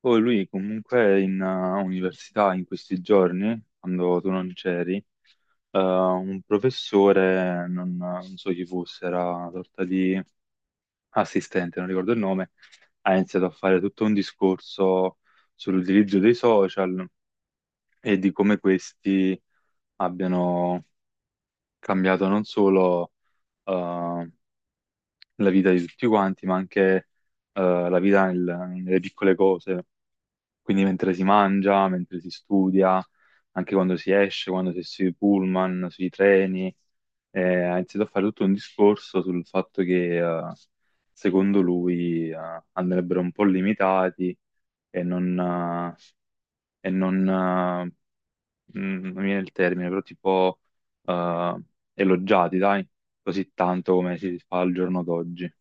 Poi lui comunque è in università in questi giorni, quando tu non c'eri, un professore, non so chi fosse, era una sorta di assistente, non ricordo il nome, ha iniziato a fare tutto un discorso sull'utilizzo dei social e di come questi abbiano cambiato non solo eh, la vita di tutti quanti, ma anche la vita nelle piccole cose. Quindi mentre si mangia, mentre si studia, anche quando si esce, quando si è sui pullman, sui treni, ha iniziato a fare tutto un discorso sul fatto che secondo lui andrebbero un po' limitati e non, e non, eh, non mi viene il termine, però tipo eh, elogiati, dai, così tanto come si fa al giorno d'oggi.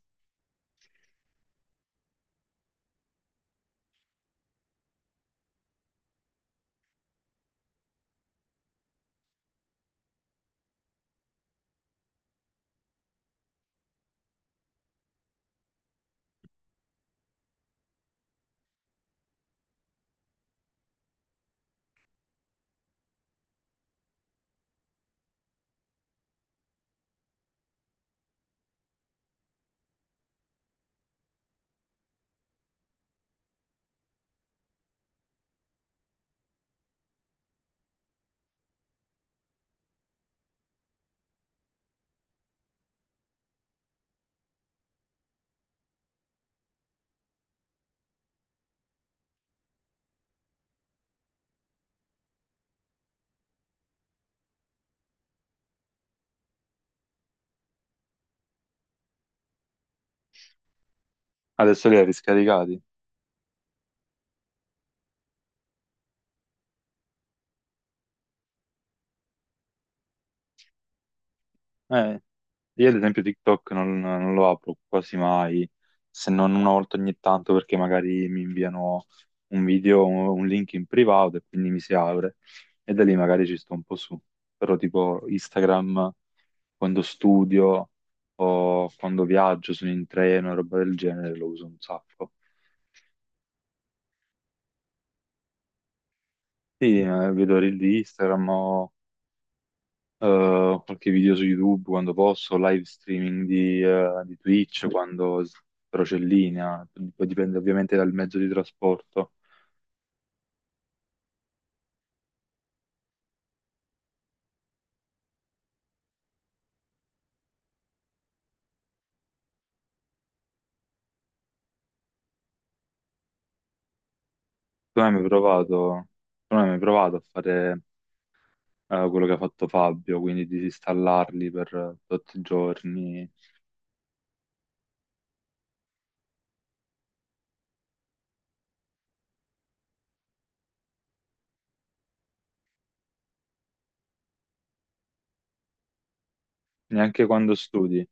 Adesso li hai riscaricati? Eh, Io ad esempio TikTok non lo apro quasi mai, se non una volta ogni tanto perché magari mi inviano un video, un link in privato e quindi mi si apre e da lì magari ci sto un po' su. Però tipo Instagram quando studio o quando viaggio, sono in treno e roba del genere, lo uso un sacco. Sì, vedo reel di Instagram o qualche video su YouTube quando posso, live streaming di Twitch però c'è linea, poi dipende ovviamente dal mezzo di trasporto. Tu non hai mai provato, tu non hai mai provato a fare quello che ha fatto Fabio, quindi disinstallarli per tot giorni, neanche quando studi.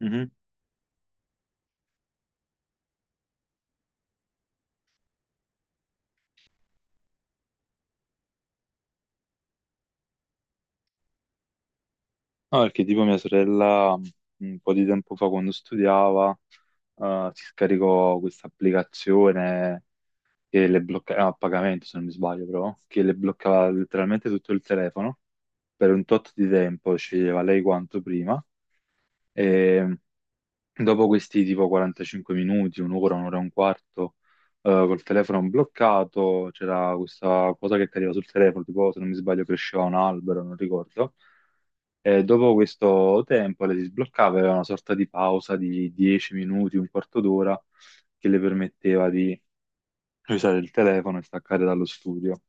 Mhm. No, perché tipo mia sorella un po' di tempo fa quando studiava si scaricò questa applicazione che le bloccava, a pagamento se non mi sbaglio però, che le bloccava letteralmente tutto il telefono per un tot di tempo, sceglieva lei quanto prima e dopo questi tipo 45 minuti, un'ora, un'ora e un quarto col telefono bloccato, c'era questa cosa che cadeva sul telefono, tipo se non mi sbaglio cresceva un albero, non ricordo. E dopo questo tempo le si sbloccava, aveva una sorta di pausa di 10 minuti, un quarto d'ora che le permetteva di usare il telefono e staccare dallo studio.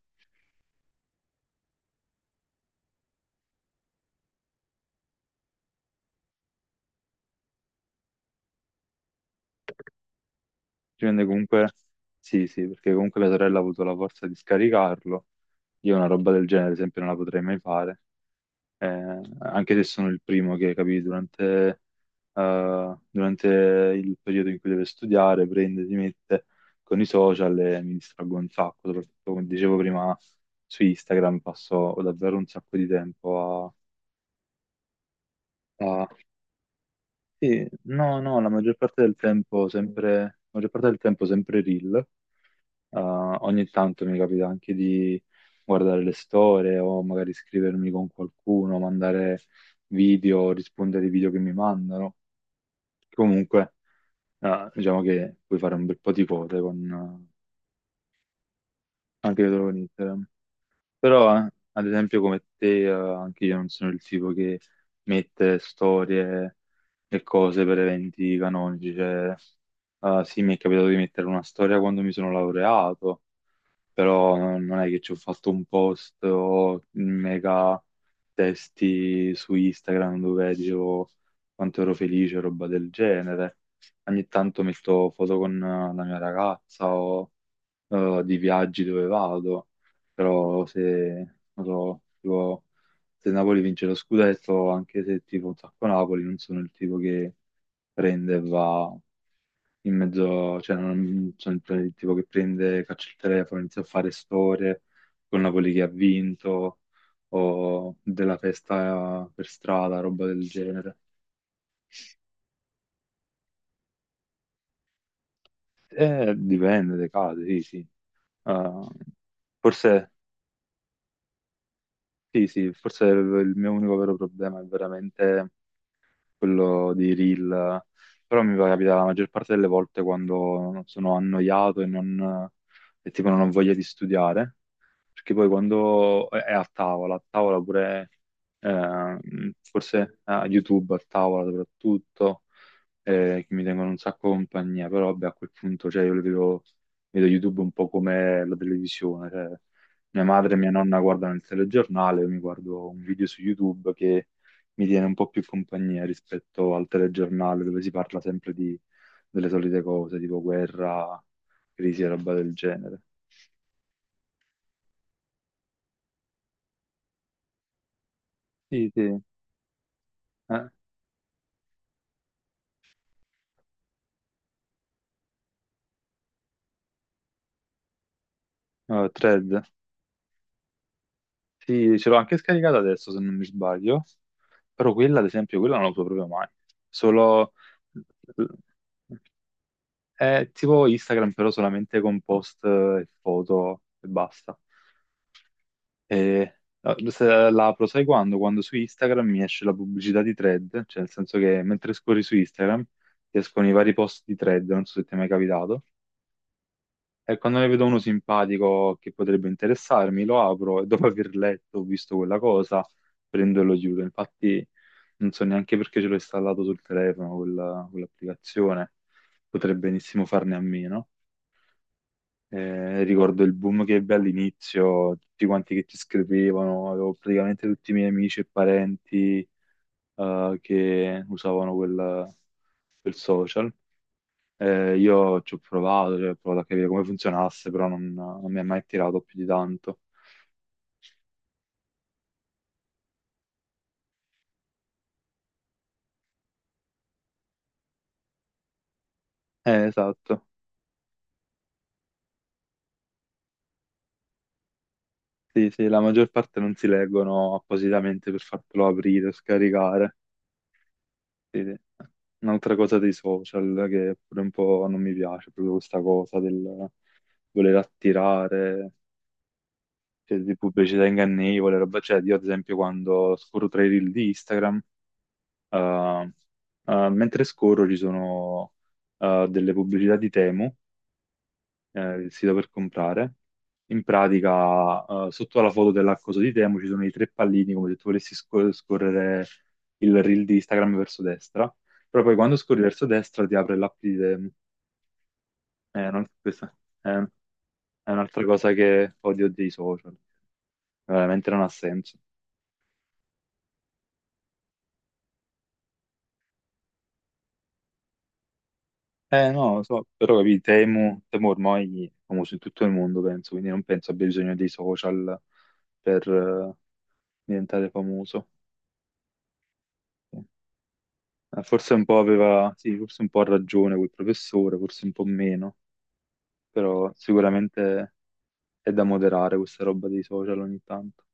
Ci rende comunque, sì, sì, perché comunque mia sorella ha avuto la forza di scaricarlo. Io una roba del genere, ad esempio, non la potrei mai fare. Anche se sono il primo che, capì, durante il periodo in cui deve studiare, prende, si mette con i social e mi distraggo un sacco, soprattutto come dicevo prima su Instagram passo davvero un sacco di tempo a, a- sì, no, la maggior parte del tempo sempre, la maggior parte del tempo sempre reel. Ogni tanto mi capita anche di guardare le storie o magari scrivermi con qualcuno, mandare video, rispondere ai video che mi mandano. Comunque, diciamo che puoi fare un bel po' di cose anche dietro con Instagram. Però, ad esempio, come te, anche io non sono il tipo che mette storie e cose per eventi canonici. Cioè, sì, mi è capitato di mettere una storia quando mi sono laureato, però non è che ci ho fatto un post o mega testi su Instagram dove dicevo quanto ero felice, roba del genere. Ogni tanto metto foto con la mia ragazza o di viaggi dove vado, però se, non so, tipo, se Napoli vince lo scudetto, anche se tipo un sacco Napoli, non sono il tipo che prende e va in mezzo, cioè non sono il tipo che prende, caccia il telefono, inizia a fare storie con Napoli che ha vinto o della festa per strada, roba del genere. Dipende dai casi, sì, sì. Eh, forse Sì, sì, forse il mio unico vero problema è veramente quello di reel, però mi capita la maggior parte delle volte quando sono annoiato e tipo non ho voglia di studiare, perché poi quando è a tavola pure eh, forse a YouTube a tavola soprattutto, che mi tengono un sacco compagnia, però vabbè, a quel punto cioè, vedo YouTube un po' come la televisione. Cioè, mia madre e mia nonna guardano il telegiornale, io mi guardo un video su YouTube che mi tiene un po' più compagnia rispetto al telegiornale dove si parla sempre di, delle solite cose, tipo guerra, crisi e roba del genere. Sì, sì. Eh, Thread. Sì, ce l'ho anche scaricata adesso, se non mi sbaglio. Però quella, ad esempio, quella non la uso proprio mai. Solo... È tipo Instagram, però solamente con post e foto e basta. E se la apro, sai quando? Quando su Instagram mi esce la pubblicità di Thread, cioè nel senso che mentre scorri su Instagram ti escono i vari post di Thread, non so se ti è mai capitato. E quando ne vedo uno simpatico che potrebbe interessarmi, lo apro e dopo aver letto, o visto quella cosa, prendo e lo chiudo. Infatti non so neanche perché ce l'ho installato sul telefono quell'applicazione. Potrei benissimo farne a meno. Ricordo il boom che ebbe all'inizio, tutti quanti che ci scrivevano, avevo praticamente tutti i miei amici e parenti che usavano quel social. Io ci ho provato, cioè, ho provato a capire come funzionasse, però non mi ha mai tirato più di tanto. Esatto. Sì, sì, la maggior parte non si leggono appositamente per fartelo aprire o scaricare. Sì, sì. Un'altra cosa dei social che pure un po' non mi piace, proprio questa cosa del voler attirare, cioè, di pubblicità ingannevole, roba. Cioè, io ad esempio quando scorro tra i reel di Instagram, eh, mentre scorro ci sono delle pubblicità di Temu il sito per comprare. In pratica, sotto alla foto dell'accoso di Temu ci sono i tre pallini, come se tu volessi scorrere il reel di Instagram verso destra. Però poi quando scorri verso destra ti apre l'app di Temu. Questa è, è un'altra cosa che odio dei social. Veramente non ha senso. Eh no, lo so, però capì, Temu, Temu ormai è famoso in tutto il mondo, penso, quindi non penso abbia bisogno dei social per diventare famoso. Forse un po' aveva, sì, forse un po' ha ragione quel professore, forse un po' meno, però sicuramente è da moderare questa roba dei social ogni tanto.